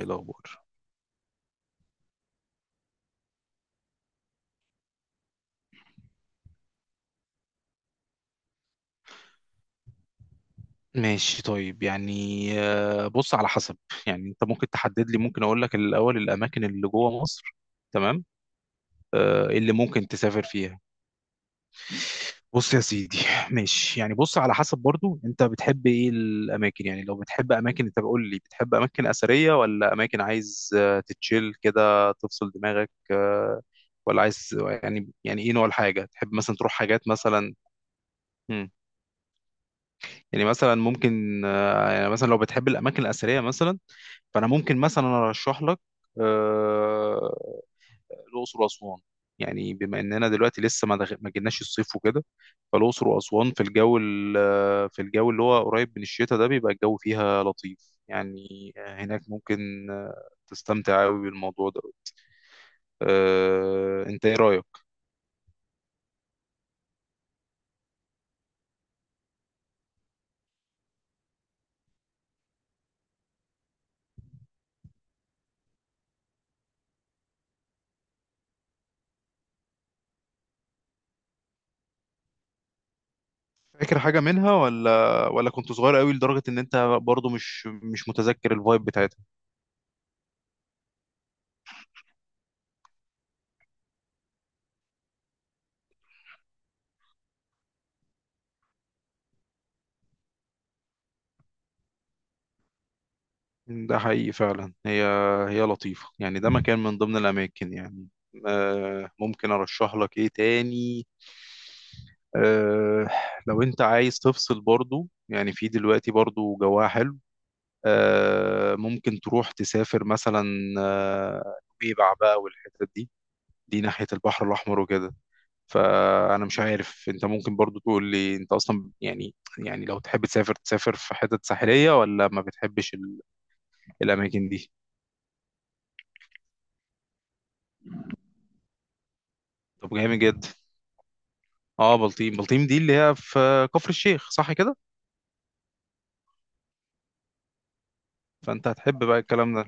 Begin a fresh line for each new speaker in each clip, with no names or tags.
ايه الاخبار؟ ماشي، طيب، يعني بص على حسب. يعني انت ممكن تحدد لي، ممكن اقول لك الاول الاماكن اللي جوه مصر. تمام. إيه اللي ممكن تسافر فيها؟ بص يا سيدي. ماشي، يعني بص على حسب برضو، انت بتحب ايه الاماكن؟ يعني لو بتحب اماكن، انت بقول لي بتحب اماكن اثريه، ولا اماكن عايز تتشيل كده، تفصل دماغك، ولا عايز؟ يعني ايه نوع الحاجه تحب، مثلا تروح حاجات مثلا. يعني مثلا ممكن يعني مثلا لو بتحب الاماكن الاثريه مثلا، فانا ممكن مثلا ارشح لك آه، الاقصر واسوان. يعني بما اننا دلوقتي لسه ما جيناش الصيف وكده، فالاقصر واسوان في في الجو اللي هو قريب من الشتاء ده، بيبقى الجو فيها لطيف. يعني هناك ممكن تستمتع قوي بالموضوع ده. انت ايه رايك؟ فاكر حاجه منها؟ ولا كنت صغير قوي لدرجه ان انت برضو مش متذكر الفايب بتاعتها؟ ده حقيقي فعلا. هي لطيفة يعني، ده مكان من ضمن الأماكن يعني. ممكن أرشح لك إيه تاني؟ آه، لو أنت عايز تفصل برضو، يعني في دلوقتي برضو جواها حلو. ممكن تروح تسافر مثلا آه، نويبع بقى والحتت دي، دي ناحية البحر الأحمر وكده. فأنا مش عارف، أنت ممكن برضو تقول لي أنت أصلا، يعني لو تحب تسافر، تسافر في حتت ساحلية ولا ما بتحبش الأماكن دي؟ طب جامد جدا. اه، بلطيم. بلطيم دي اللي هي في كفر الشيخ، صح كده؟ فانت هتحب بقى الكلام ده.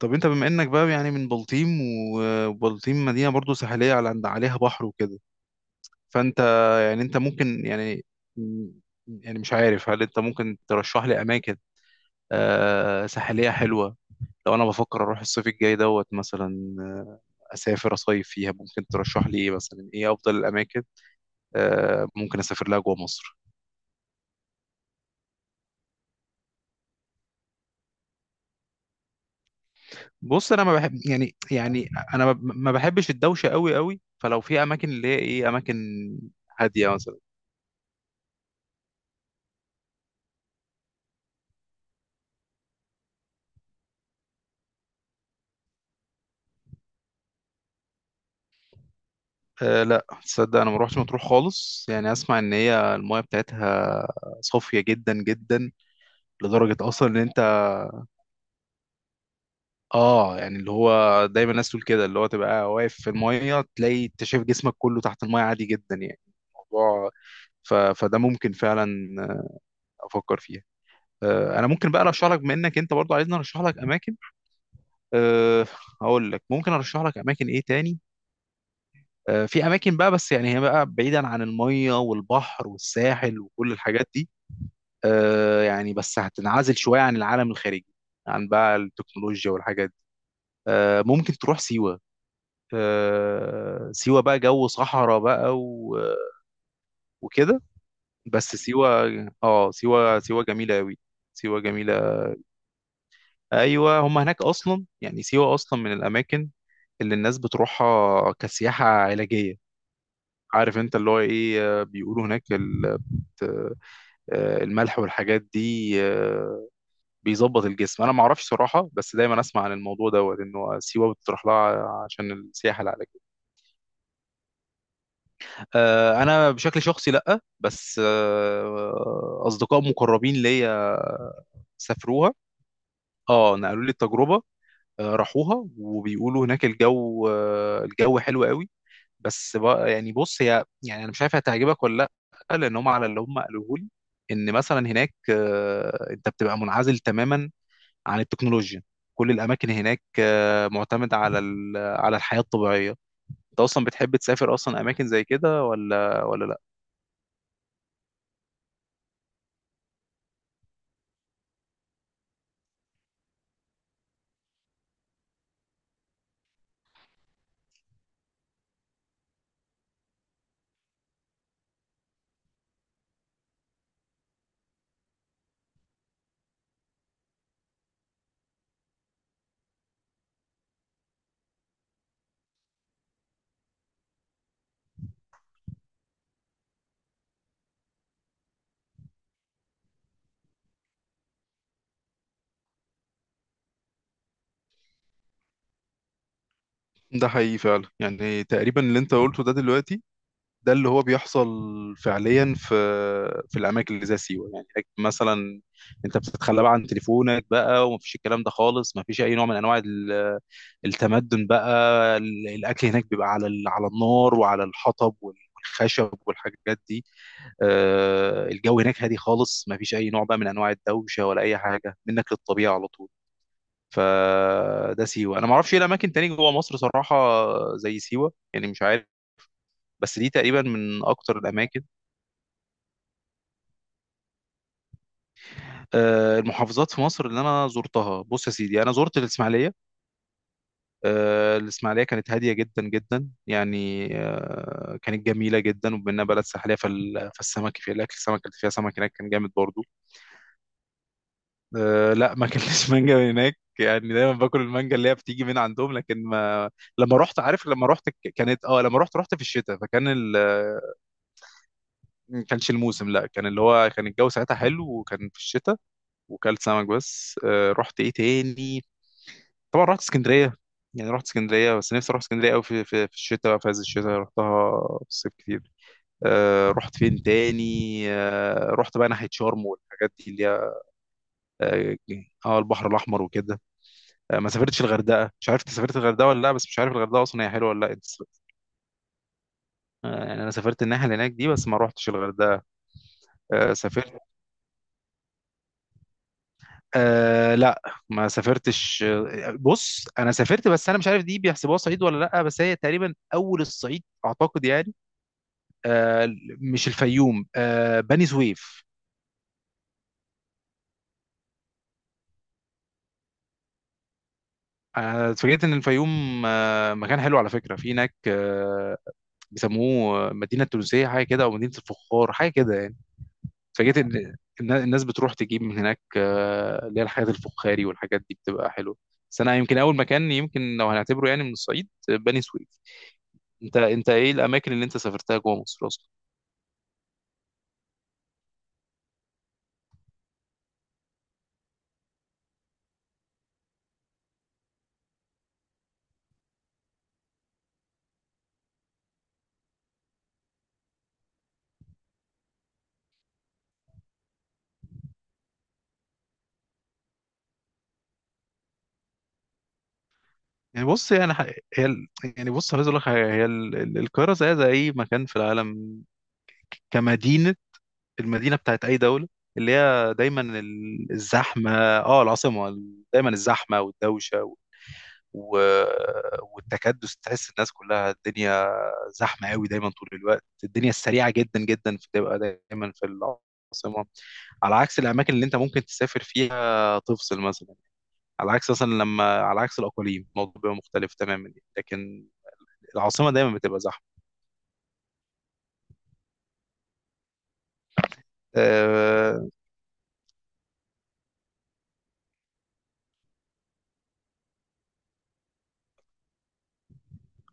طب انت، بما انك بقى يعني من بلطيم، وبلطيم مدينة برضو ساحلية، على عليها بحر وكده. فانت، يعني انت ممكن يعني، مش عارف، هل انت ممكن ترشح لي اماكن آه ساحلية حلوة؟ لو انا بفكر اروح الصيف الجاي دوت مثلا، اسافر اصيف فيها، ممكن ترشح لي ايه مثلا، ايه افضل الاماكن آه ممكن اسافر لها جوه مصر؟ بص، انا ما بحب، يعني انا ما بحبش الدوشه قوي قوي، فلو في اماكن اللي هي ايه اماكن هاديه مثلا. أه لا تصدق، انا ما روحتش مطروح خالص، يعني اسمع ان هي المايه بتاعتها صافيه جدا جدا. لدرجه اصلا ان انت، اه، يعني اللي هو دايما الناس تقول كده، اللي هو تبقى واقف في المايه، تلاقي انت شايف جسمك كله تحت المايه عادي جدا، يعني الموضوع. فده ممكن فعلا افكر فيها. أه انا ممكن بقى ارشح لك، بما انك انت برضو عايزني ارشح لك اماكن. أه هقول لك، ممكن ارشح لك اماكن ايه تاني. أه في اماكن بقى، بس يعني هي بقى بعيدا عن الميه والبحر والساحل وكل الحاجات دي. أه يعني، بس هتنعزل شويه عن العالم الخارجي، عن بقى التكنولوجيا والحاجات دي. أه ممكن تروح سيوه. أه سيوه بقى جو صحراء بقى وكده. بس سيوه، اه، سيوه جميله قوي. سيوه جميله. ايوه، هم هناك اصلا يعني، سيوه اصلا من الاماكن اللي الناس بتروحها كسياحه علاجيه. عارف انت اللي هو ايه؟ بيقولوا هناك الملح والحاجات دي بيظبط الجسم. انا ما اعرفش صراحه، بس دايما اسمع عن الموضوع دوت انه سيوه بتروح لها عشان السياحه العلاجيه. انا بشكل شخصي لا، بس اصدقاء مقربين ليا سافروها. اه نقلوا لي التجربه. راحوها وبيقولوا هناك الجو الجو حلو قوي. بس بقى يعني، بص هي يعني انا مش عارف هتعجبك ولا لا، لان هم على اللي هم قالوه لي، ان مثلا هناك انت بتبقى منعزل تماما عن التكنولوجيا. كل الاماكن هناك معتمده على على الحياه الطبيعيه. انت اصلا بتحب تسافر اصلا اماكن زي كده ولا لا؟ ده حقيقي فعلا، يعني تقريبا اللي انت قلته ده دلوقتي ده اللي هو بيحصل فعليا في الاماكن اللي زي سيوه. يعني هناك مثلا، انت بتتخلى بقى عن تليفونك بقى، ومفيش الكلام ده خالص، مفيش اي نوع من انواع التمدن بقى. الاكل هناك بيبقى على على النار، وعلى الحطب والخشب والحاجات دي. الجو هناك هادي خالص، ما فيش اي نوع بقى من انواع الدوشه، ولا اي حاجه منك للطبيعه على طول. فده سيوه. انا ما اعرفش ايه الاماكن تاني جوه مصر صراحه زي سيوه، يعني مش عارف، بس دي تقريبا من اكتر الاماكن. المحافظات في مصر اللي انا زرتها، بص يا سيدي، انا زرت الاسماعيليه. الإسماعيلية كانت هادية جدا جدا يعني، كانت جميلة جدا، وبما إنها بلد ساحلية فالسمك في الأكل، السمك اللي فيها، سمك هناك كان جامد برضو. لا، ما كانش مانجا من هناك، يعني دايما باكل المانجا اللي هي بتيجي من عندهم، لكن ما. لما رحت، عارف، لما رحت كانت، اه، لما رحت، رحت في الشتاء، فكان ما كانش الموسم، لا، كان اللي هو كان الجو ساعتها حلو، وكان في الشتاء، وكلت سمك. بس رحت ايه تاني؟ طبعا رحت اسكندريه، يعني رحت اسكندريه، بس نفسي اروح اسكندريه قوي في في الشتاء بقى، في عز الشتاء. رحتها في الصيف كتير. آه رحت فين تاني؟ آه رحت بقى ناحيه شرم والحاجات دي اللي هي، اه، البحر الاحمر وكده. آه ما سافرتش الغردقه، مش عارف انت سافرت الغردقه ولا لا، بس مش عارف الغردقه اصلا هي حلوه ولا لا. انت آه يعني انا سافرت الناحيه اللي هناك دي، بس ما روحتش الغردقه. آه سافرت، آه لا ما سافرتش، بص انا سافرت، بس انا مش عارف دي بيحسبوها صعيد ولا لا، بس هي تقريبا اول الصعيد اعتقد يعني. آه، مش الفيوم، آه بني سويف. اتفاجئت ان الفيوم آه مكان حلو على فكره، في هناك آه بيسموه مدينه تونسيه حاجه كده، او مدينه الفخار حاجه كده يعني. اتفاجئت ان، إن الناس بتروح تجيب من هناك اللي هي الحاجات الفخاري والحاجات دي بتبقى حلوه. بس انا يمكن اول مكان، يمكن لو هنعتبره يعني من الصعيد، بني سويف. انت ايه الاماكن اللي انت سافرتها جوه مصر اصلا؟ يعني بص، يعني هي ال- يعني بص، عايز اقول لك حاجة، القاهره زي اي مكان في العالم كمدينه. المدينة بتاعت أي دولة اللي هي دايما الزحمة. اه العاصمة دايما الزحمة والدوشة و- والتكدس، تحس الناس كلها، الدنيا زحمة قوي دايما طول الوقت، الدنيا السريعة جدا جدا بتبقى دايما في العاصمة. على عكس الأماكن اللي أنت ممكن تسافر فيها تفصل مثلا، على عكس مثلا لما، على عكس الأقاليم، الموضوع بيبقى مختلف تماما. لكن العاصمة دايما بتبقى زحمة. أه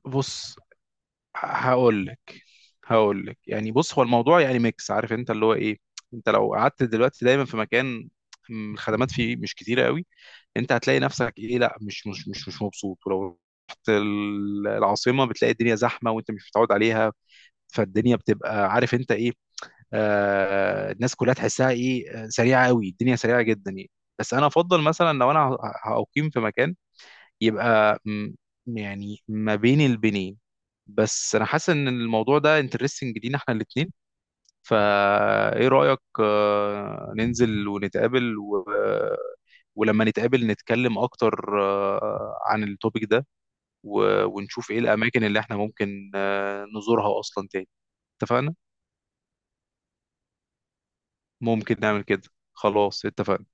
بص هقول لك، يعني بص، هو الموضوع يعني ميكس، عارف انت اللي هو ايه؟ انت لو قعدت دلوقتي دايما في مكان، الخدمات فيه مش كتيره قوي، انت هتلاقي نفسك ايه، لا، مش مبسوط. ولو رحت العاصمه، بتلاقي الدنيا زحمه وانت مش متعود عليها، فالدنيا بتبقى عارف انت ايه. آه الناس كلها تحسها ايه، سريعه قوي، الدنيا سريعه جدا يعني. بس انا افضل مثلا لو انا هاقيم في مكان يبقى يعني ما بين البنين. بس انا حاسس ان الموضوع ده انترستنج لينا احنا الاتنين، فايه رأيك ننزل ونتقابل ولما نتقابل نتكلم اكتر عن التوبيك ده، ونشوف ايه الاماكن اللي احنا ممكن نزورها اصلا تاني؟ اتفقنا. ممكن نعمل كده. خلاص اتفقنا.